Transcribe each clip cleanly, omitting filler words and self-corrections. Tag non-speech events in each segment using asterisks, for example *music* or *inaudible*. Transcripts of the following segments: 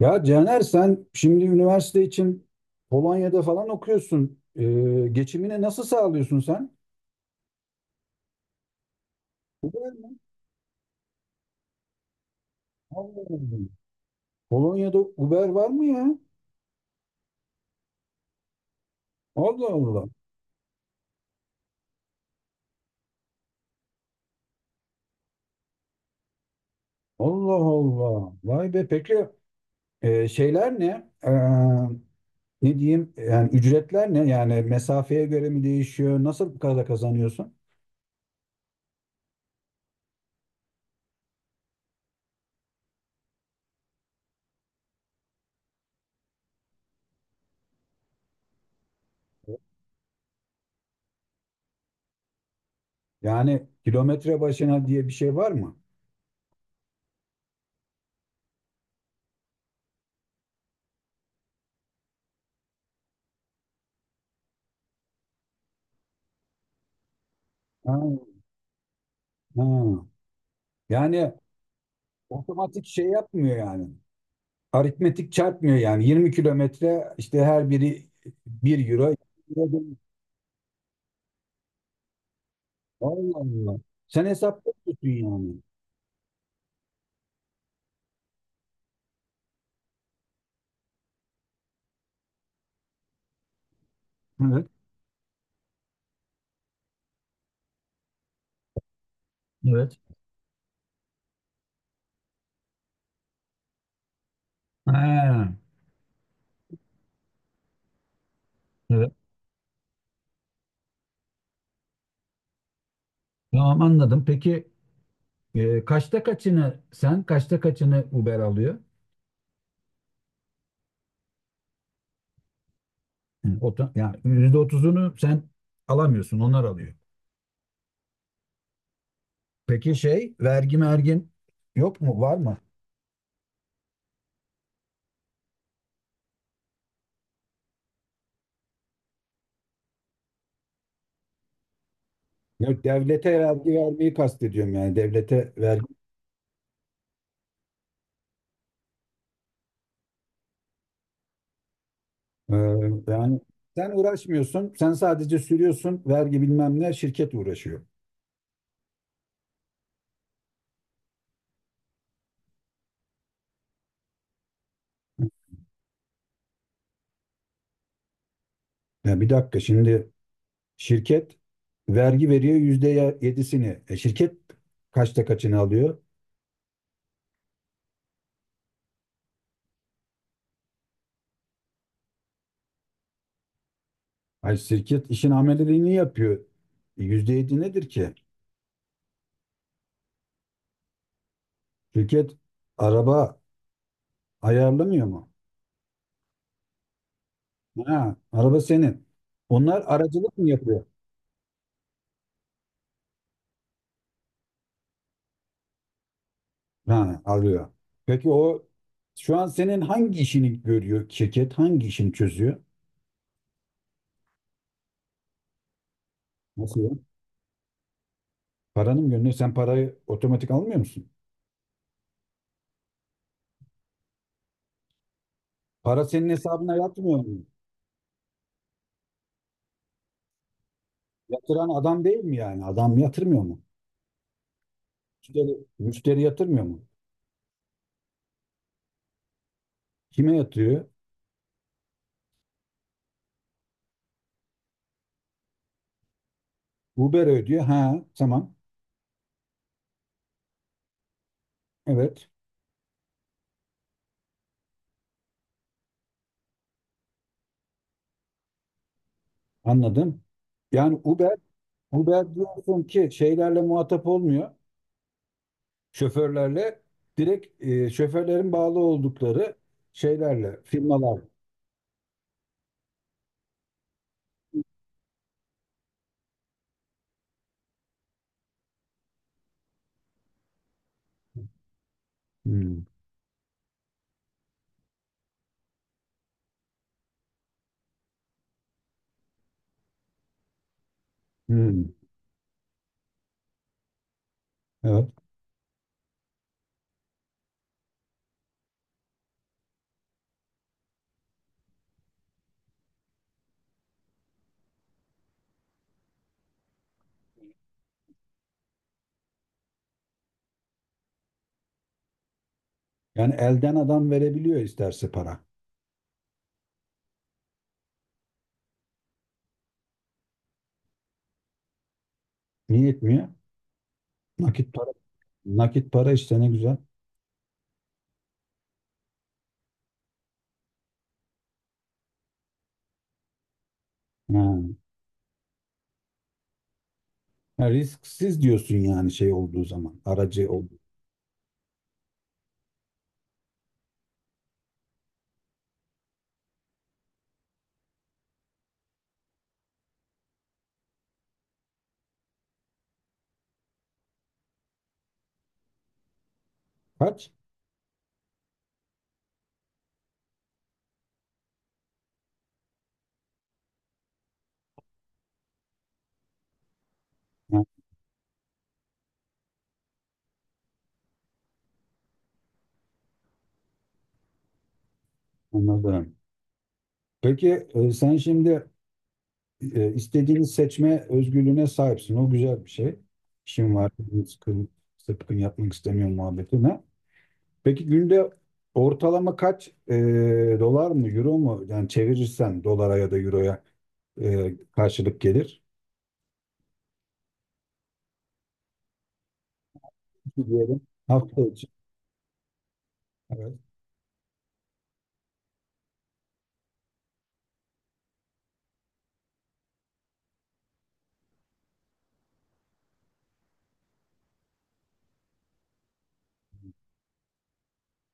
Ya Caner sen şimdi üniversite için Polonya'da falan okuyorsun. Geçimini nasıl sağlıyorsun sen? Uber mi? Allah Allah. Polonya'da Uber var mı ya? Allah Allah. Allah Allah. Vay be, peki şeyler ne? Ne diyeyim? Yani ücretler ne? Yani mesafeye göre mi değişiyor? Nasıl bu kadar kazanıyorsun? Yani kilometre başına diye bir şey var mı? Ha, ha. Yani otomatik şey yapmıyor yani, aritmetik çarpmıyor yani. 20 kilometre işte her biri bir euro, iki euro değil. Allah Allah. Sen hesap yapıyorsun yani. Evet. Evet. Ha, evet. Tamam, anladım. Peki kaçta kaçını sen, kaçta kaçını Uber alıyor? Hı, Yani %30'unu sen alamıyorsun, onlar alıyor. Peki şey, vergi mergin yok mu? Var mı? Yok, devlete vergi vermeyi kastediyorum yani. Devlete vergi Ee, yani sen uğraşmıyorsun, sen sadece sürüyorsun, vergi bilmem ne, şirket uğraşıyor. Ya bir dakika şimdi, şirket vergi veriyor yüzde yedisini. E şirket kaçta kaçını alıyor? Ay, şirket işin ameliyatını yapıyor. Yüzde yedi nedir ki? Şirket araba ayarlamıyor mu? Ha, araba senin. Onlar aracılık mı yapıyor? Ha, alıyor. Peki o şu an senin hangi işini görüyor? Şirket hangi işini çözüyor? Nasıl ya? Paranın gönlü, sen parayı otomatik almıyor musun? Para senin hesabına yatmıyor mu? Yatıran adam değil mi yani? Adam yatırmıyor mu? Müşteri yatırmıyor mu? Kime yatırıyor? Uber ödüyor. Ha, tamam. Evet, anladım. Yani Uber, Uber diyorsun ki şeylerle muhatap olmuyor. Şoförlerle direkt şoförlerin bağlı oldukları şeylerle, firmalar. Hmm, hmm, evet. Yani elden adam verebiliyor isterse para. Niye etmiyor? Nakit, nakit para işte ne güzel. Ha. Ha, risksiz diyorsun yani şey olduğu zaman. Aracı olduğu. Kaç? Ha, anladım. Peki sen şimdi istediğini seçme özgürlüğüne sahipsin. O güzel bir şey. İşin var. Sıkın, sıkın yapmak istemiyorum muhabbetine. Peki günde ortalama kaç dolar mı, euro mu? Yani çevirirsen dolara ya da euroya karşılık gelir. Diyelim. Hafta için. Evet.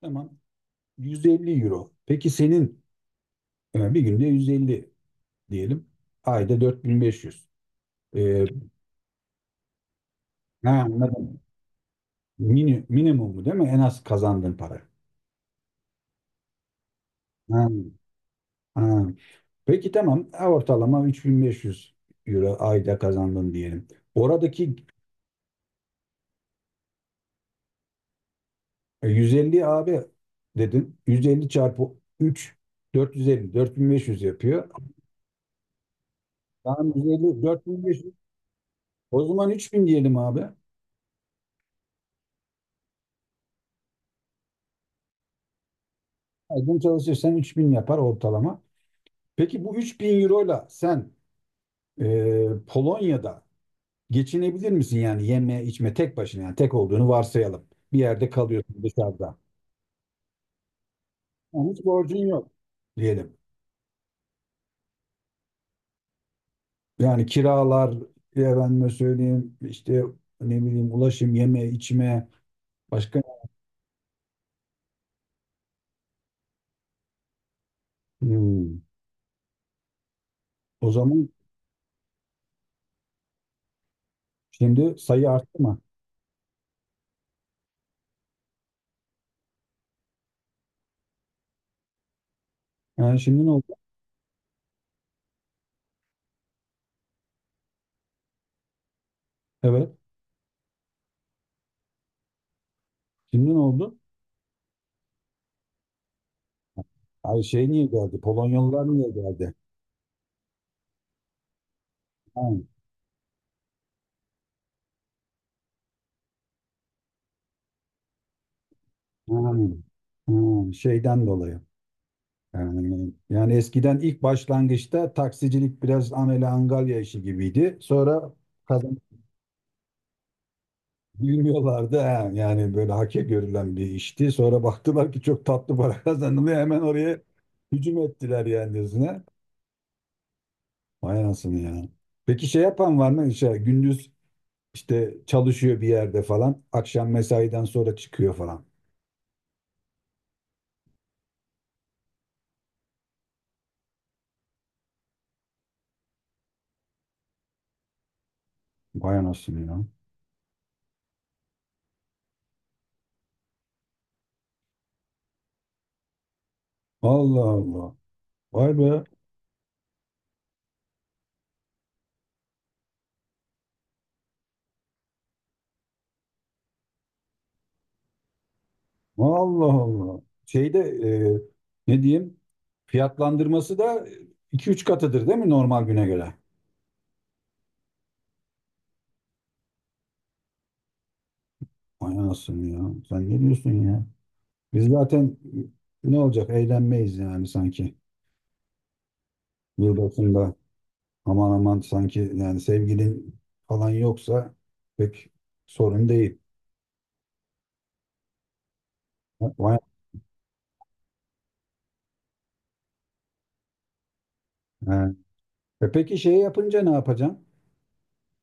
Tamam. Yüz elli euro. Peki senin, yani bir günde 150 diyelim. Ayda 4500. Ee, ha, anladım. Mini, minimumu değil mi? En az kazandığın para. Ha, ha. Peki tamam. Ha, ortalama 3500 euro ayda kazandın diyelim. Oradaki 150 abi dedin. 150 çarpı 3, 450 4500 yapıyor. Tamam, 150, 4500. O zaman 3000 diyelim abi. Aydın çalışırsan 3000 yapar ortalama. Peki bu 3000 ile sen Polonya'da geçinebilir misin yani yeme içme, tek başına yani, tek olduğunu varsayalım. Bir yerde kalıyorsun dışarıda. Yani hiç borcun yok diyelim. Yani kiralar, efendime söyleyeyim, işte ne bileyim, ulaşım, yeme, içme, başka. Hmm. O zaman şimdi sayı arttı mı? Yani şimdi ne oldu? Evet. Şimdi ne oldu? Ay şey, niye geldi? Polonyalılar niye geldi? Ha, ha, ha, şeyden dolayı. Yani eskiden ilk başlangıçta taksicilik biraz amele angalya işi gibiydi. Sonra kazan *laughs* bilmiyorlardı. He. Yani böyle hake görülen bir işti. Sonra baktılar ki çok tatlı para *laughs* kazanılıyor. Hemen oraya hücum ettiler yani yüzüne. Vay anasını ya. Peki şey yapan var mı? Şey, gündüz işte çalışıyor bir yerde falan, akşam mesaiden sonra çıkıyor falan. Vay anasını ya. Allah Allah. Vay be. Allah Allah. Şeyde ne diyeyim, fiyatlandırması da iki üç katıdır değil mi normal güne göre? Vay anasını ya. Sen ne diyorsun ya? Biz zaten ne olacak? Eğlenmeyiz yani sanki. Yılbaşında aman aman sanki, yani sevgilin falan yoksa pek sorun değil. Vay, he. E peki şey yapınca ne yapacaksın?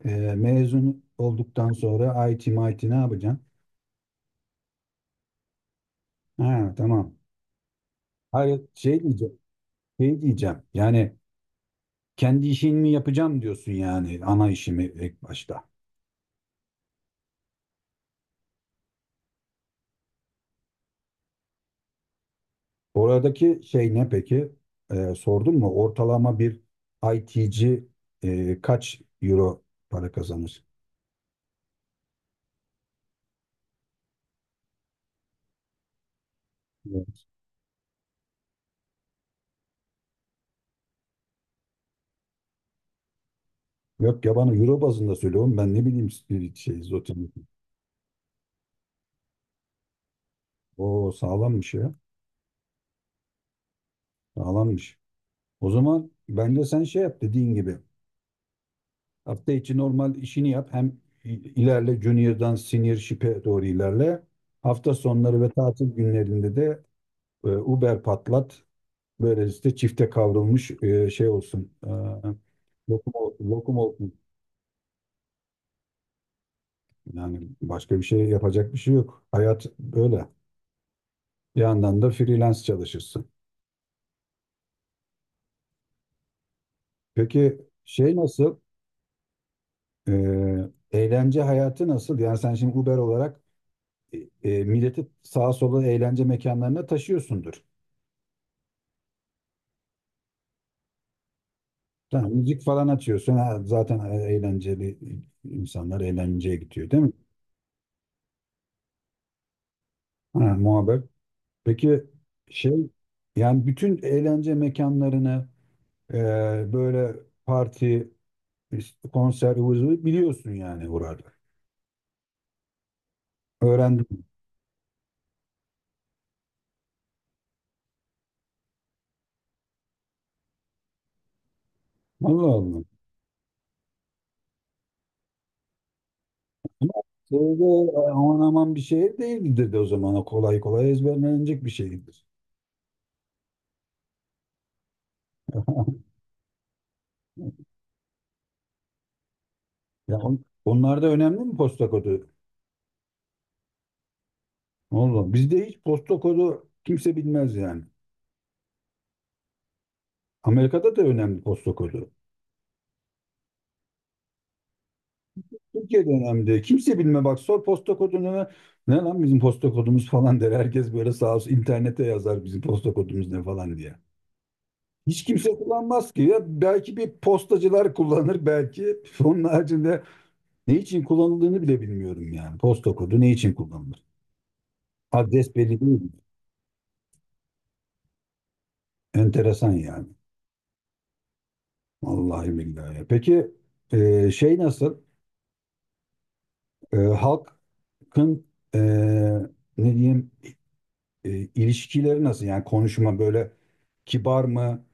Mezun olduktan sonra IT MIT ne yapacaksın? Ha tamam. Hayır şey diyeceğim. Şey diyeceğim. Yani kendi işini mi yapacağım diyorsun yani, ana işimi ilk başta. Oradaki şey ne peki? Sordun mu? Ortalama bir IT'ci kaç euro para kazanır? Evet. Yok ya, bana euro bazında söylüyorum. Ben ne bileyim spirit şey zotin. O sağlammış ya. Sağlammış. O zaman bence sen şey yap, dediğin gibi. Hafta içi normal işini yap. Hem ilerle, junior'dan senior ship'e doğru ilerle. Hafta sonları ve tatil günlerinde de Uber patlat. Böylece çifte kavrulmuş şey olsun. E, lokum, lokum olsun. Yani başka bir şey yapacak bir şey yok. Hayat böyle. Bir yandan da freelance çalışırsın. Peki şey nasıl? E, Eğlence hayatı nasıl? Yani sen şimdi Uber olarak e, milleti sağa sola eğlence mekanlarına taşıyorsundur. Tamam, müzik falan açıyorsun. Ha, zaten eğlenceli insanlar eğlenceye gidiyor değil mi? Ha, muhabbet. Peki şey, yani bütün eğlence mekanlarını böyle parti, işte konser, ıvı zıvı biliyorsun yani buraları. Öğrendim. Allah Allah. Ama şeyde aman aman bir şey değildir de o zaman. O kolay kolay ezberlenecek bir şeydir. *laughs* Ya onlar da önemli mi, posta kodu? Oğlum bizde hiç posta kodu kimse bilmez yani. Amerika'da da önemli posta kodu. Türkiye'de önemli. Kimse bilme bak sor posta kodunu, ne, ne lan bizim posta kodumuz falan der. Herkes böyle sağ olsun internete yazar, bizim posta kodumuz ne falan diye. Hiç kimse kullanmaz ki ya. Belki bir postacılar kullanır belki. *laughs* Onun haricinde ne için kullanıldığını bile bilmiyorum yani. Posta kodu ne için kullanılır? Adres belli değil mi? Enteresan yani. Vallahi billahi. Peki şey nasıl? Halkın e, ne diyeyim, ilişkileri nasıl? Yani konuşma böyle kibar mı?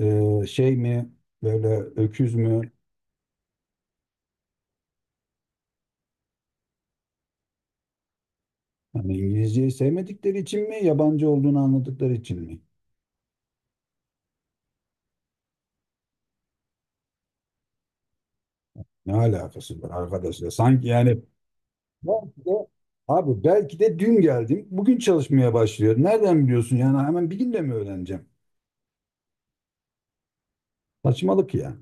Şey mi? Böyle öküz mü? Hani İngilizceyi sevmedikleri için mi? Yabancı olduğunu anladıkları için mi? Ne alakası var arkadaşlar? Sanki yani, belki de, abi belki de dün geldim. Bugün çalışmaya başlıyor. Nereden biliyorsun? Yani hemen bir günde mi öğreneceğim? Saçmalık ya.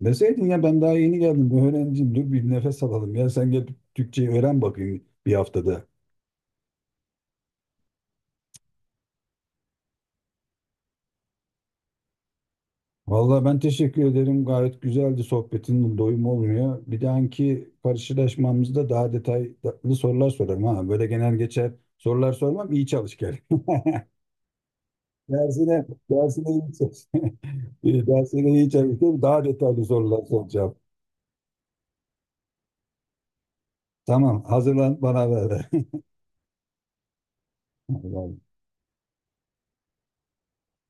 Deseydin ya, ben daha yeni geldim. Öğrenciyim. Dur bir nefes alalım. Ya sen gel Türkçeyi öğren bakayım bir haftada. Vallahi ben teşekkür ederim. Gayet güzeldi sohbetin. Doyum olmuyor. Bir dahaki karşılaşmamızda daha detaylı sorular sorarım ha. Böyle genel geçer sorular sormam. İyi çalış gel. *laughs* Dersine iyi çalış. *laughs* Ben iyi çalıştım. Daha detaylı sorular soracağım. Tamam, hazırlan bana ver. *laughs* Allah'ım.